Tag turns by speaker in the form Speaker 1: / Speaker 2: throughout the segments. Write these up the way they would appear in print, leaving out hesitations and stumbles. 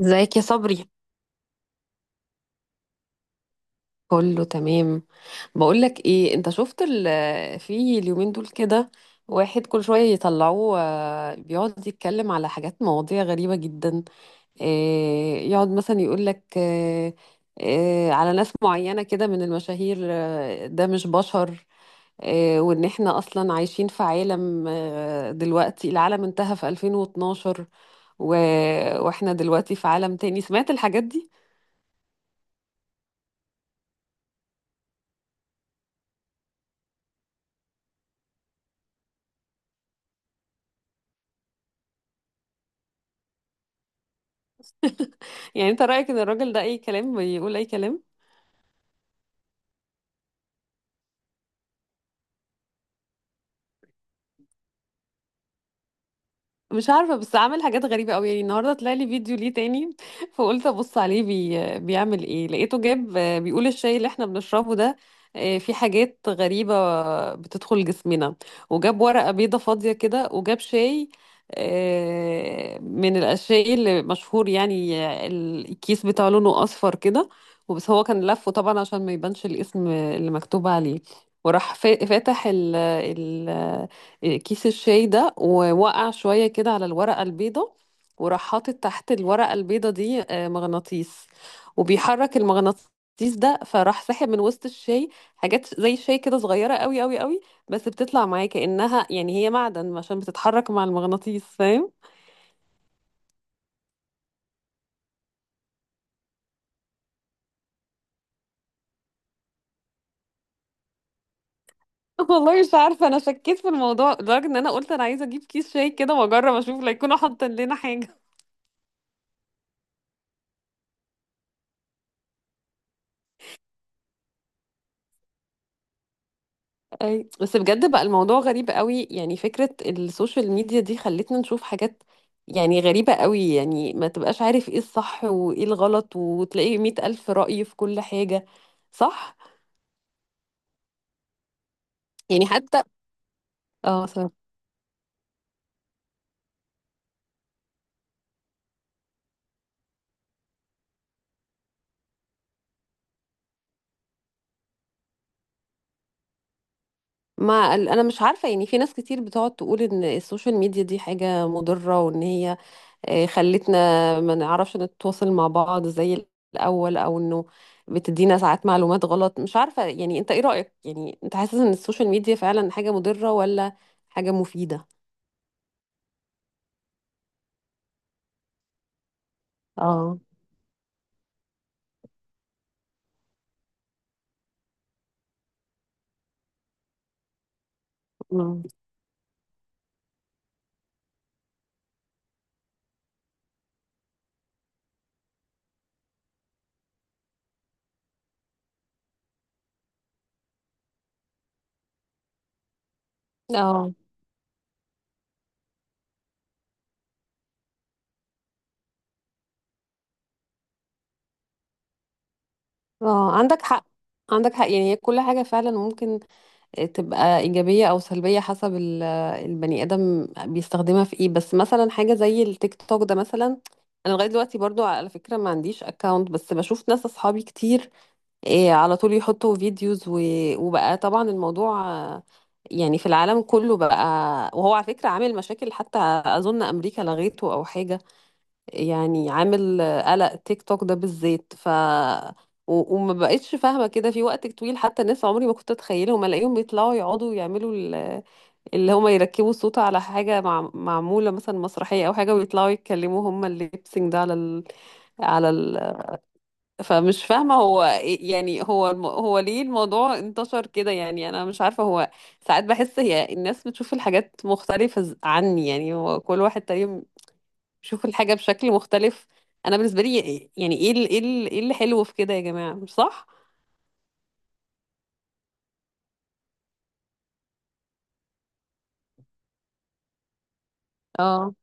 Speaker 1: ازيك يا صبري؟ كله تمام. بقول لك ايه، انت شفت في اليومين دول كده، واحد كل شويه يطلعوه، بيقعد يتكلم على حاجات مواضيع غريبه جدا. يقعد مثلا يقول لك على ناس معينه كده من المشاهير، ده مش بشر. وان احنا اصلا عايشين في عالم، دلوقتي العالم انتهى في 2012 و... واحنا دلوقتي في عالم تاني. سمعت الحاجات دي؟ يعني انت رأيك ان الراجل ده اي كلام بيقول اي كلام؟ مش عارفة، بس عامل حاجات غريبة قوي. يعني النهاردة طلع لي فيديو ليه تاني فقلت ابص عليه بيعمل ايه، لقيته جاب، بيقول الشاي اللي احنا بنشربه ده، فيه حاجات غريبة بتدخل جسمنا، وجاب ورقة بيضة فاضية كده وجاب شاي، من الشاي اللي مشهور، يعني الكيس بتاعه لونه اصفر كده. وبس هو كان لفه طبعا عشان ما يبانش الاسم اللي مكتوب عليه، وراح فاتح ال كيس الشاي ده، ووقع شوية كده على الورقة البيضة، وراح حاطط تحت الورقة البيضة دي، مغناطيس. وبيحرك المغناطيس ده، فراح ساحب من وسط الشاي حاجات زي الشاي كده صغيرة قوي قوي قوي، بس بتطلع معاه كأنها يعني هي معدن عشان بتتحرك مع المغناطيس، فاهم؟ والله مش عارفة، أنا شكيت في الموضوع لدرجة إن أنا قلت أنا عايزة أجيب كيس شاي كده وأجرب أشوف، لا يكونوا حاطين لنا حاجة. أي، بس بجد بقى الموضوع غريب قوي. يعني فكرة السوشيال ميديا دي خلتنا نشوف حاجات يعني غريبة قوي. يعني ما تبقاش عارف ايه الصح وايه الغلط، وتلاقي مئة ألف رأي في كل حاجة، صح؟ يعني حتى، اه، صح. ما انا مش عارفة، يعني في ناس كتير بتقعد تقول ان السوشيال ميديا دي حاجة مضرة، وان هي خلتنا ما نعرفش نتواصل مع بعض زي الأول، أو إنه بتدينا ساعات معلومات غلط. مش عارفة يعني، أنت إيه رأيك؟ يعني أنت حاسس إن السوشيال ميديا فعلا حاجة مضرة ولا حاجة مفيدة؟ اه. مم. اه، اه، عندك حق. عندك حق، يعني هي كل حاجة فعلا ممكن تبقى إيجابية أو سلبية حسب البني آدم بيستخدمها في إيه. بس مثلا حاجة زي التيك توك ده مثلا، أنا لغاية دلوقتي برضو على فكرة ما عنديش أكاونت، بس بشوف ناس أصحابي كتير، إيه، على طول يحطوا فيديوز، وبقى طبعا الموضوع، يعني في العالم كله بقى. وهو على فكرة عامل مشاكل حتى، أظن أمريكا لغيته أو حاجة. يعني عامل، قلق، تيك توك ده بالذات. وما بقتش فاهمة كده في وقت طويل. حتى ناس عمري ما كنت أتخيلهم ألاقيهم بيطلعوا يقعدوا يعملوا اللي هما يركبوا الصوت على حاجة معمولة مثلا مسرحية أو حاجة، ويطلعوا يتكلموا هما الليبسينج ده على ال... فمش فاهمة هو يعني هو هو ليه الموضوع انتشر كده. يعني أنا مش عارفة هو، ساعات بحس هي الناس بتشوف الحاجات مختلفة عني. يعني هو كل واحد تقريبا بيشوف الحاجة بشكل مختلف. أنا بالنسبة لي، يعني إيه اللي حلو في كده يا جماعة، مش صح؟ اه.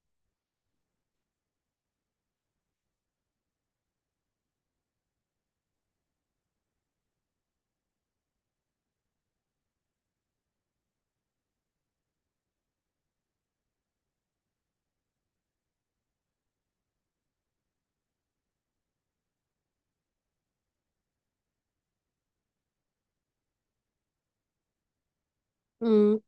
Speaker 1: امم.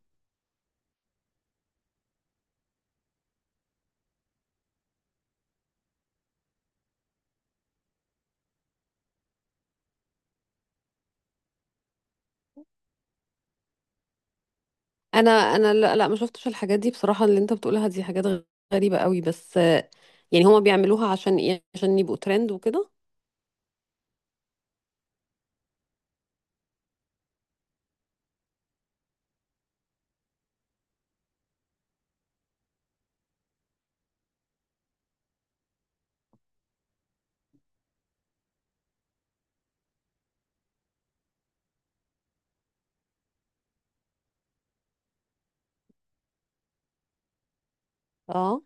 Speaker 1: انا لا، لا، ما شفتش الحاجات دي بصراحة. اللي انت بتقولها دي حاجات غريبة قوي. بس يعني هما بيعملوها عشان ايه؟ عشان يبقوا ترند وكده. اه.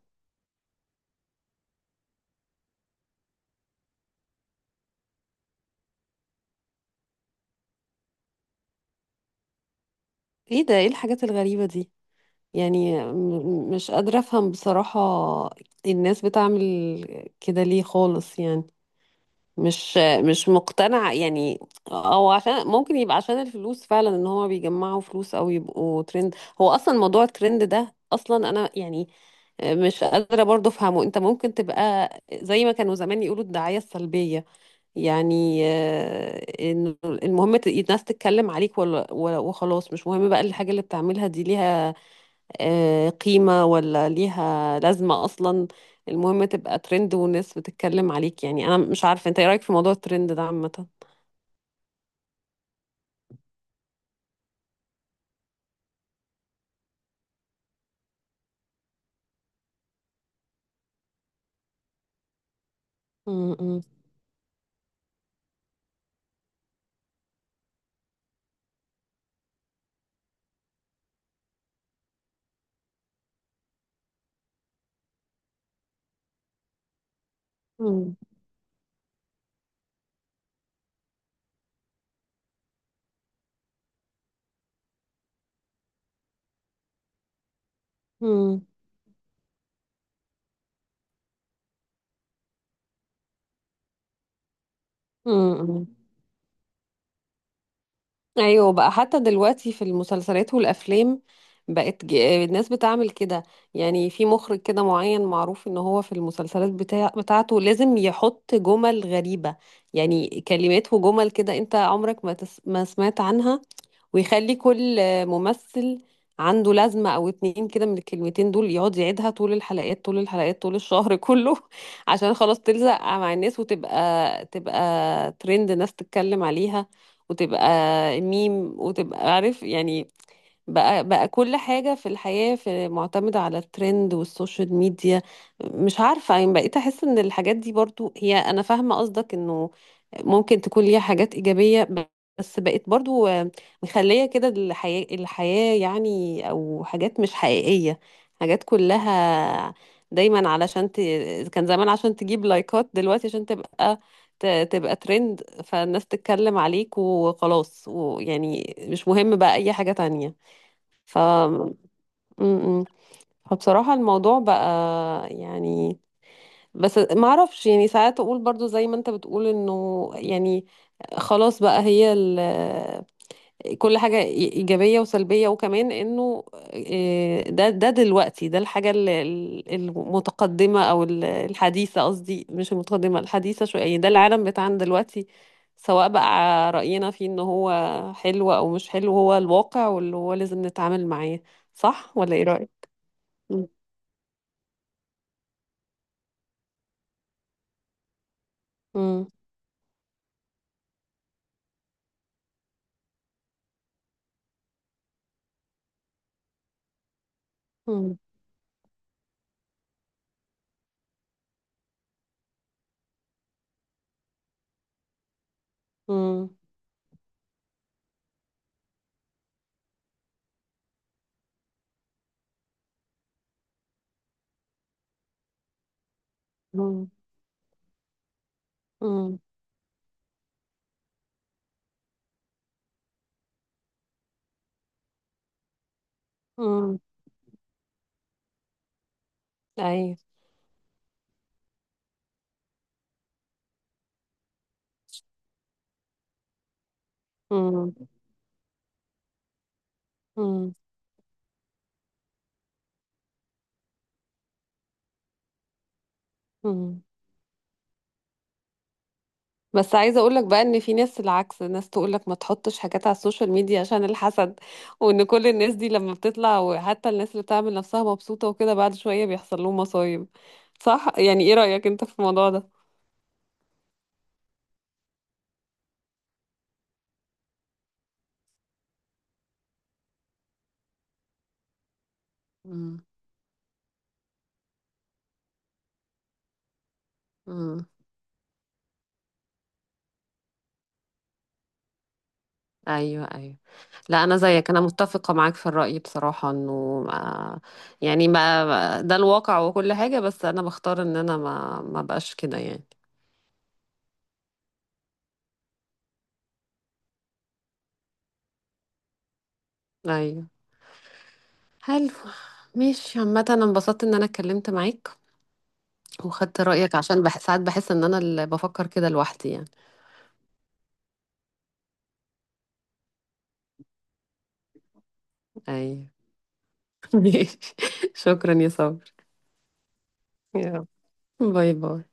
Speaker 1: ايه ده، ايه الحاجات الغريبة دي، يعني مش قادرة أفهم بصراحة. الناس بتعمل كده ليه خالص؟ يعني مش مش مقتنعة يعني، أو عشان ممكن يبقى عشان الفلوس فعلا، إن هما بيجمعوا فلوس أو يبقوا ترند. هو أصلا موضوع الترند ده أصلا، أنا يعني مش قادرة برضه أفهمه. أنت ممكن تبقى زي ما كانوا زمان يقولوا الدعاية السلبية، يعني إنه المهم الناس تتكلم عليك، ولا وخلاص. مش مهم بقى الحاجة اللي بتعملها دي ليها قيمة ولا ليها لازمة أصلا. المهم تبقى ترند والناس بتتكلم عليك. يعني أنا مش عارفة، أنت إيه رأيك في موضوع الترند ده عامة؟ م-، م-، م-، م-، م-. أيوة بقى، حتى دلوقتي في المسلسلات والأفلام بقت الناس بتعمل كده. يعني في مخرج كده معين معروف إن هو في المسلسلات بتاعته لازم يحط جمل غريبة، يعني كلمات وجمل كده أنت عمرك ما ما سمعت عنها. ويخلي كل ممثل عنده لازمة أو اتنين كده من الكلمتين دول يقعد يعيدها طول الحلقات طول الحلقات طول الشهر كله، عشان خلاص تلزق مع الناس وتبقى ترند، ناس تتكلم عليها، وتبقى ميم، وتبقى عارف يعني. بقى كل حاجة في الحياة في معتمدة على الترند والسوشيال ميديا. مش عارفة يعني بقيت أحس إن الحاجات دي برضو، هي أنا فاهمة قصدك إنه ممكن تكون ليها حاجات إيجابية، بس بقيت برضو مخلية كده الحياة، الحياة يعني، أو حاجات مش حقيقية. حاجات كلها دايما علشان كان زمان عشان تجيب لايكات، دلوقتي عشان تبقى، تبقى ترند فالناس تتكلم عليك وخلاص، ويعني مش مهم بقى أي حاجة تانية. ف م- م. فبصراحة الموضوع بقى يعني، بس ما اعرفش يعني، ساعات اقول برضو زي ما انت بتقول انه يعني خلاص بقى، هي كل حاجة إيجابية وسلبية، وكمان إنه ده دلوقتي ده الحاجة، المتقدمة، أو الحديثة، قصدي مش المتقدمة، الحديثة شوية. يعني ده العالم بتاعنا دلوقتي، سواء بقى رأينا فيه إن هو حلو أو مش حلو، هو الواقع واللي هو لازم نتعامل معاه. صح ولا إيه رأيك؟ مم. مم. مم. مم. مم. مم. مم. أيوه. مم. مم. مم. بس عايزه اقول لك بقى ان في ناس العكس، ناس تقول لك ما تحطش حاجات على السوشيال ميديا عشان الحسد، وان كل الناس دي لما بتطلع، وحتى الناس اللي بتعمل نفسها مبسوطه وكده، بعد شويه بيحصل لهم مصايب. صح؟ يعني ايه رايك انت في الموضوع ده؟ مم. مم. ايوه، ايوه. لا، انا زيك، انا متفقه معاك في الراي بصراحه، انه ما، يعني ما ده الواقع وكل حاجه. بس انا بختار ان انا ما بقاش كده يعني. ايوه. حلو، ماشي، عامه انا انبسطت ان انا اتكلمت معاك وخدت رأيك، عشان ساعات بحس ان انا اللي بفكر كده لوحدي يعني. ايوه ماشي. شكرا يا صبر. يلا، باي باي.